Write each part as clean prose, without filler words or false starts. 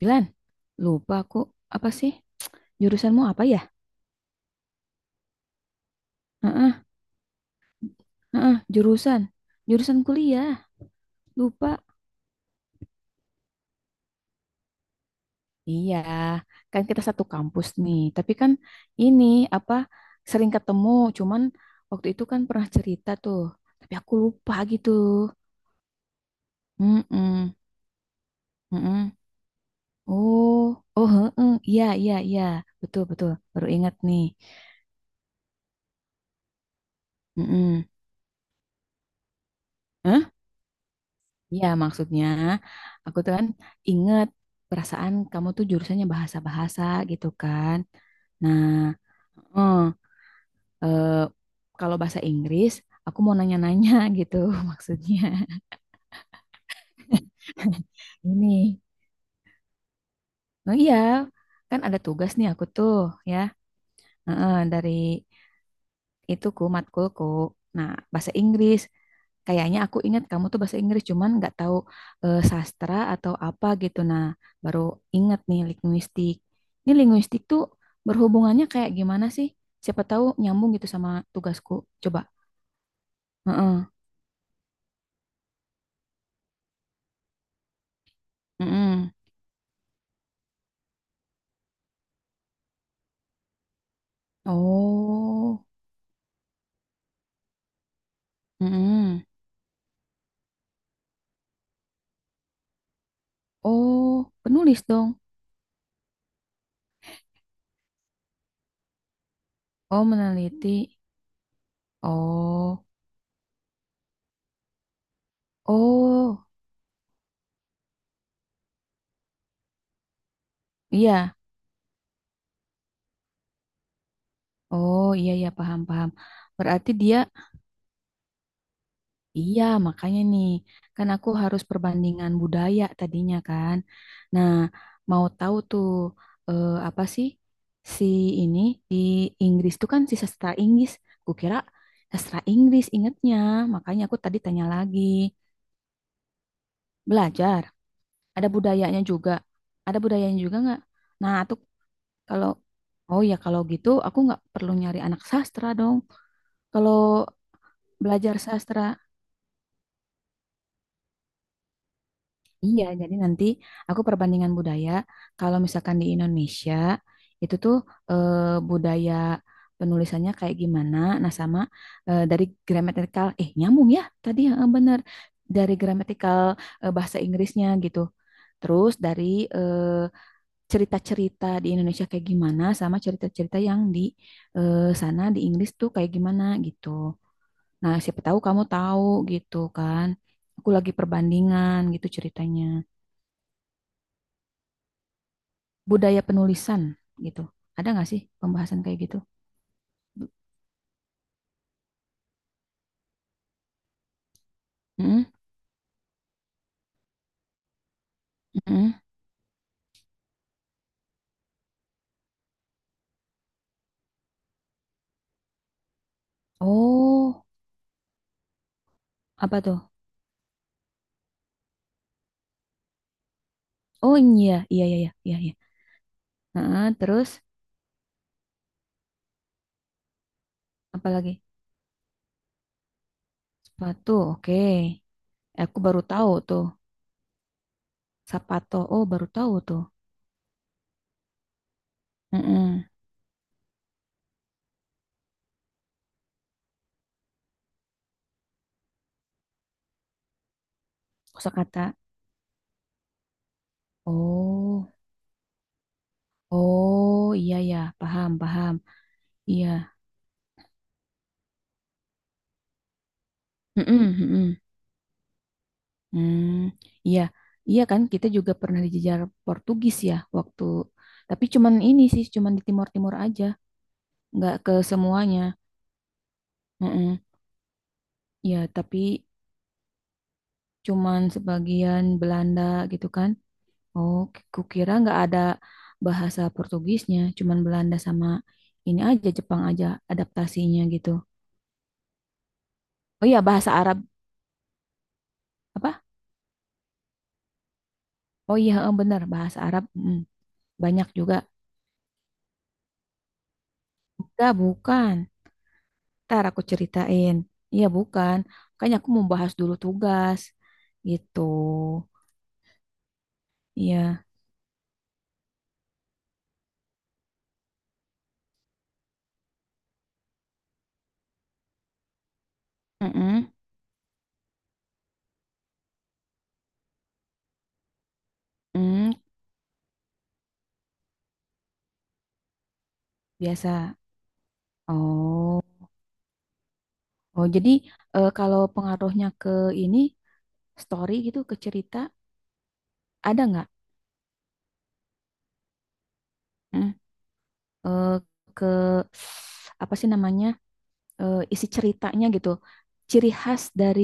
Bilan, lupa aku apa sih? Jurusanmu apa ya? Heeh, heeh, jurusan. Jurusan kuliah. Lupa. Iya, kan kita satu kampus nih. Tapi kan ini apa sering ketemu, cuman waktu itu kan pernah cerita tuh. Tapi aku lupa gitu. Mm-mm, mm-mm. Oh, oh, heeh. Iya, iya, iya. Betul, betul. Baru ingat nih. Mm-mm. Hah? Iya, maksudnya aku tuh kan inget perasaan kamu tuh jurusannya bahasa-bahasa gitu kan. Nah, eh, eh, kalau bahasa Inggris, aku mau nanya-nanya gitu maksudnya. Ini, oh iya, kan ada tugas nih aku tuh ya, Heeh, dari ituku matkulku. Nah, bahasa Inggris. Kayaknya aku ingat kamu tuh bahasa Inggris cuman nggak tahu sastra atau apa gitu. Nah, baru ingat nih linguistik. Ini linguistik tuh berhubungannya kayak gimana sih? Siapa tahu nyambung gitu sama tugasku. Coba. Heeh. Heeh. Oh. Heeh. Oh, penulis dong. Oh, meneliti. Oh. Oh, iya. Oh, iya ya, paham paham. Berarti dia Iya, makanya nih, kan aku harus perbandingan budaya tadinya kan. Nah, mau tahu tuh apa sih si ini di Inggris tuh kan si sastra Inggris. Kukira sastra Inggris ingetnya, makanya aku tadi tanya lagi. Belajar, ada budayanya juga. Ada budayanya juga nggak? Nah, tuh kalau oh ya kalau gitu aku nggak perlu nyari anak sastra dong. Kalau belajar sastra Iya, jadi nanti aku perbandingan budaya. Kalau misalkan di Indonesia, itu tuh eh, budaya penulisannya kayak gimana. Nah, sama dari gramatikal, nyambung ya tadi yang benar dari gramatikal bahasa Inggrisnya gitu. Terus dari eh, cerita-cerita di Indonesia kayak gimana, sama cerita-cerita yang di sana di Inggris tuh kayak gimana gitu. Nah, siapa tahu kamu tahu gitu kan. Aku lagi perbandingan gitu ceritanya. Budaya penulisan gitu. Ada nggak sih pembahasan kayak gitu? Mm-mm. Oh, apa tuh? Oh iya, iya, iya, iya, iya, iya. Heeh, terus apa lagi? Sepatu, oke. Eh, aku baru tahu tuh. Sapato, oh baru tahu tuh. Mm-mm. Kosakata. Oh, oh iya ya, paham, paham. Iya. Mm-mm, mm-mm. Hmm, iya, iya kan kita juga pernah dijejar Portugis ya waktu. Tapi cuman ini sih, cuman di Timur-Timur aja. Nggak ke semuanya. Heeh. Ya, tapi cuman sebagian Belanda gitu kan. Oh, kukira nggak ada bahasa Portugisnya, cuman Belanda sama ini aja Jepang aja adaptasinya gitu. Oh iya, bahasa Arab apa? Oh iya, heeh, bener bahasa Arab banyak juga. Enggak, bukan. Ntar aku ceritain. Iya, bukan. Makanya aku mau bahas dulu tugas gitu. Iya. Heeh. Mm, Biasa. Oh. Oh, jadi kalau pengaruhnya ke ini story gitu ke cerita ada nggak? Hmm, eh, ke apa sih namanya isi ceritanya gitu? Ciri khas dari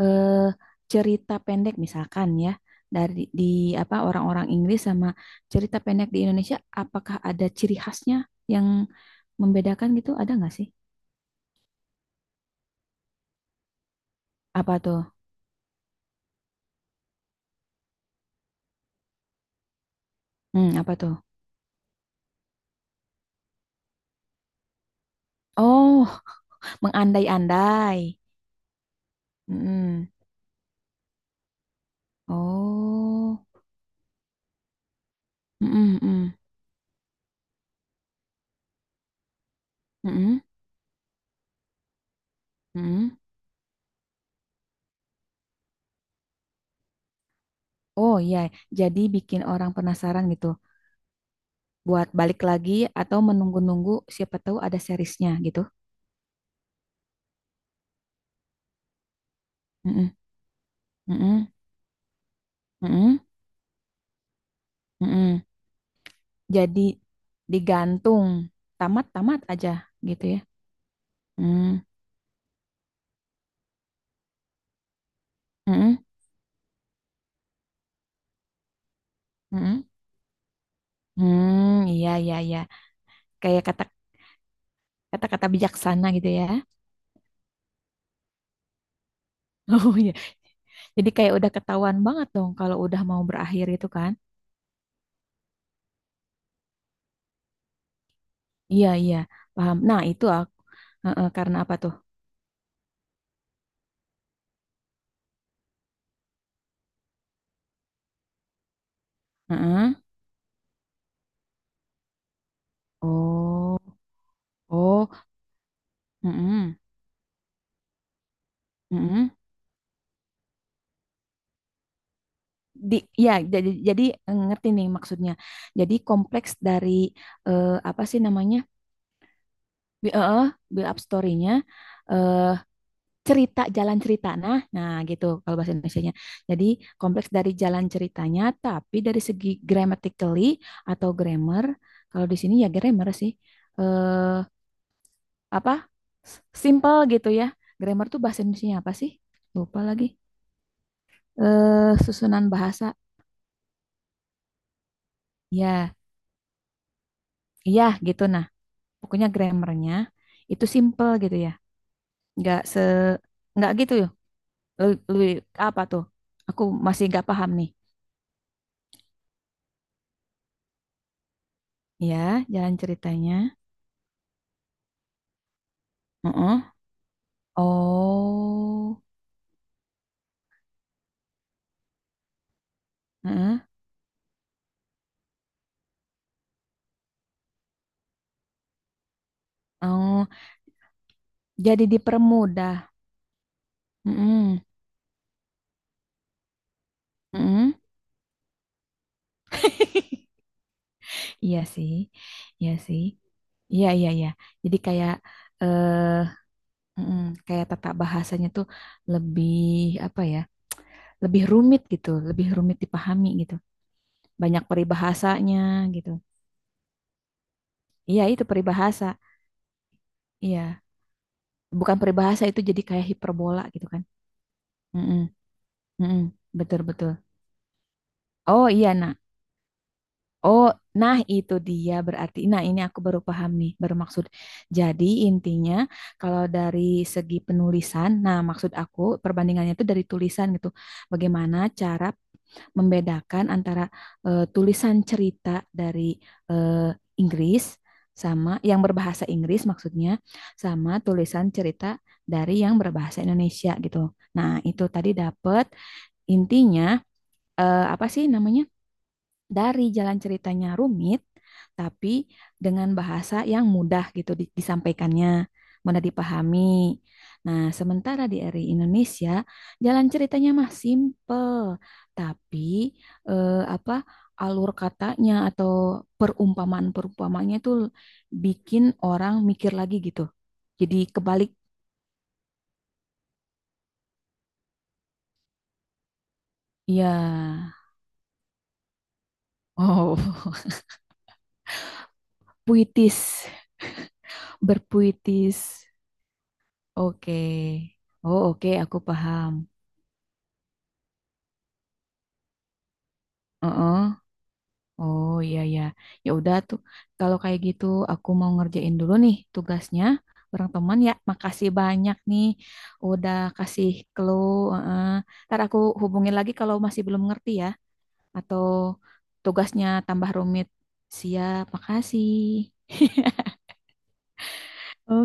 eh, cerita pendek misalkan ya dari di apa orang-orang Inggris sama cerita pendek di Indonesia, apakah ada ciri khasnya yang membedakan gitu? Ada nggak sih? Apa tuh? Apa tuh? Oh, mengandai-andai. Hmm, oh. Mm-mm, mm. Mm-mm, mm-mm. Oh iya, jadi bikin orang penasaran gitu buat balik lagi atau menunggu-nunggu siapa tahu ada seriesnya gitu. Mm-mm, mm-mm, mm-mm, mm-mm. Jadi digantung tamat-tamat aja gitu ya. Mm, mm-mm, mm-mm. Hmm, iya iya iya. Kayak kata-kata bijaksana gitu ya. Oh iya. Jadi kayak udah ketahuan banget dong kalau udah mau berakhir itu kan. Iya, iya, paham. Nah, itu aku. Heeh, karena apa tuh? Heeh. Oh, oh, mm-mm, mm-mm. Di, ya, jadi ngerti nih maksudnya. Jadi kompleks dari apa sih namanya? Bi- eh, eh, build up story-nya, eh, cerita jalan cerita. Nah, nah gitu kalau bahasa Indonesianya. Jadi kompleks dari jalan ceritanya, tapi dari segi grammatically atau grammar, kalau di sini ya grammar sih. Eh, apa? Simple gitu ya. Grammar tuh bahasa Indonesianya apa sih? Lupa lagi. Susunan bahasa ya iya gitu nah pokoknya grammarnya itu simple gitu ya nggak se nggak gitu ya lebih apa tuh aku masih nggak paham nih ya jalan ceritanya. Heeh. Oh heeh. Oh jadi dipermudah. Heeh. Heeh. Iya sih, iya sih, iya iya iya. Jadi kayak eh mm, kayak tata bahasanya tuh lebih apa ya, lebih rumit gitu, lebih rumit dipahami gitu. Banyak peribahasanya gitu. Iya, itu peribahasa. Iya, bukan peribahasa itu jadi kayak hiperbola gitu kan. Mm-mm, mm-mm, betul betul. Oh iya, nah. Oh, nah itu dia berarti. Nah, ini aku baru paham nih, baru maksud. Jadi intinya kalau dari segi penulisan, nah maksud aku perbandingannya itu dari tulisan gitu. Bagaimana cara membedakan antara tulisan cerita dari eh, Inggris sama yang berbahasa Inggris maksudnya sama tulisan cerita dari yang berbahasa Indonesia gitu. Nah, itu tadi dapat intinya apa sih namanya? Dari jalan ceritanya rumit, tapi dengan bahasa yang mudah gitu disampaikannya, mudah dipahami. Nah, sementara di RI Indonesia, jalan ceritanya mah simple, tapi apa alur katanya atau perumpamaan-perumpamanya itu bikin orang mikir lagi gitu. Jadi kebalik, ya. Oh, puitis, berpuitis. Oke. Oh, oke, aku paham. Heeh. Oh iya ya. Ya udah tuh. Kalau kayak gitu aku mau ngerjain dulu nih tugasnya bareng teman ya. Makasih banyak nih udah kasih clue. Heeh. Ntar aku hubungin lagi kalau masih belum ngerti ya atau tugasnya tambah rumit. Siap, makasih. Oke.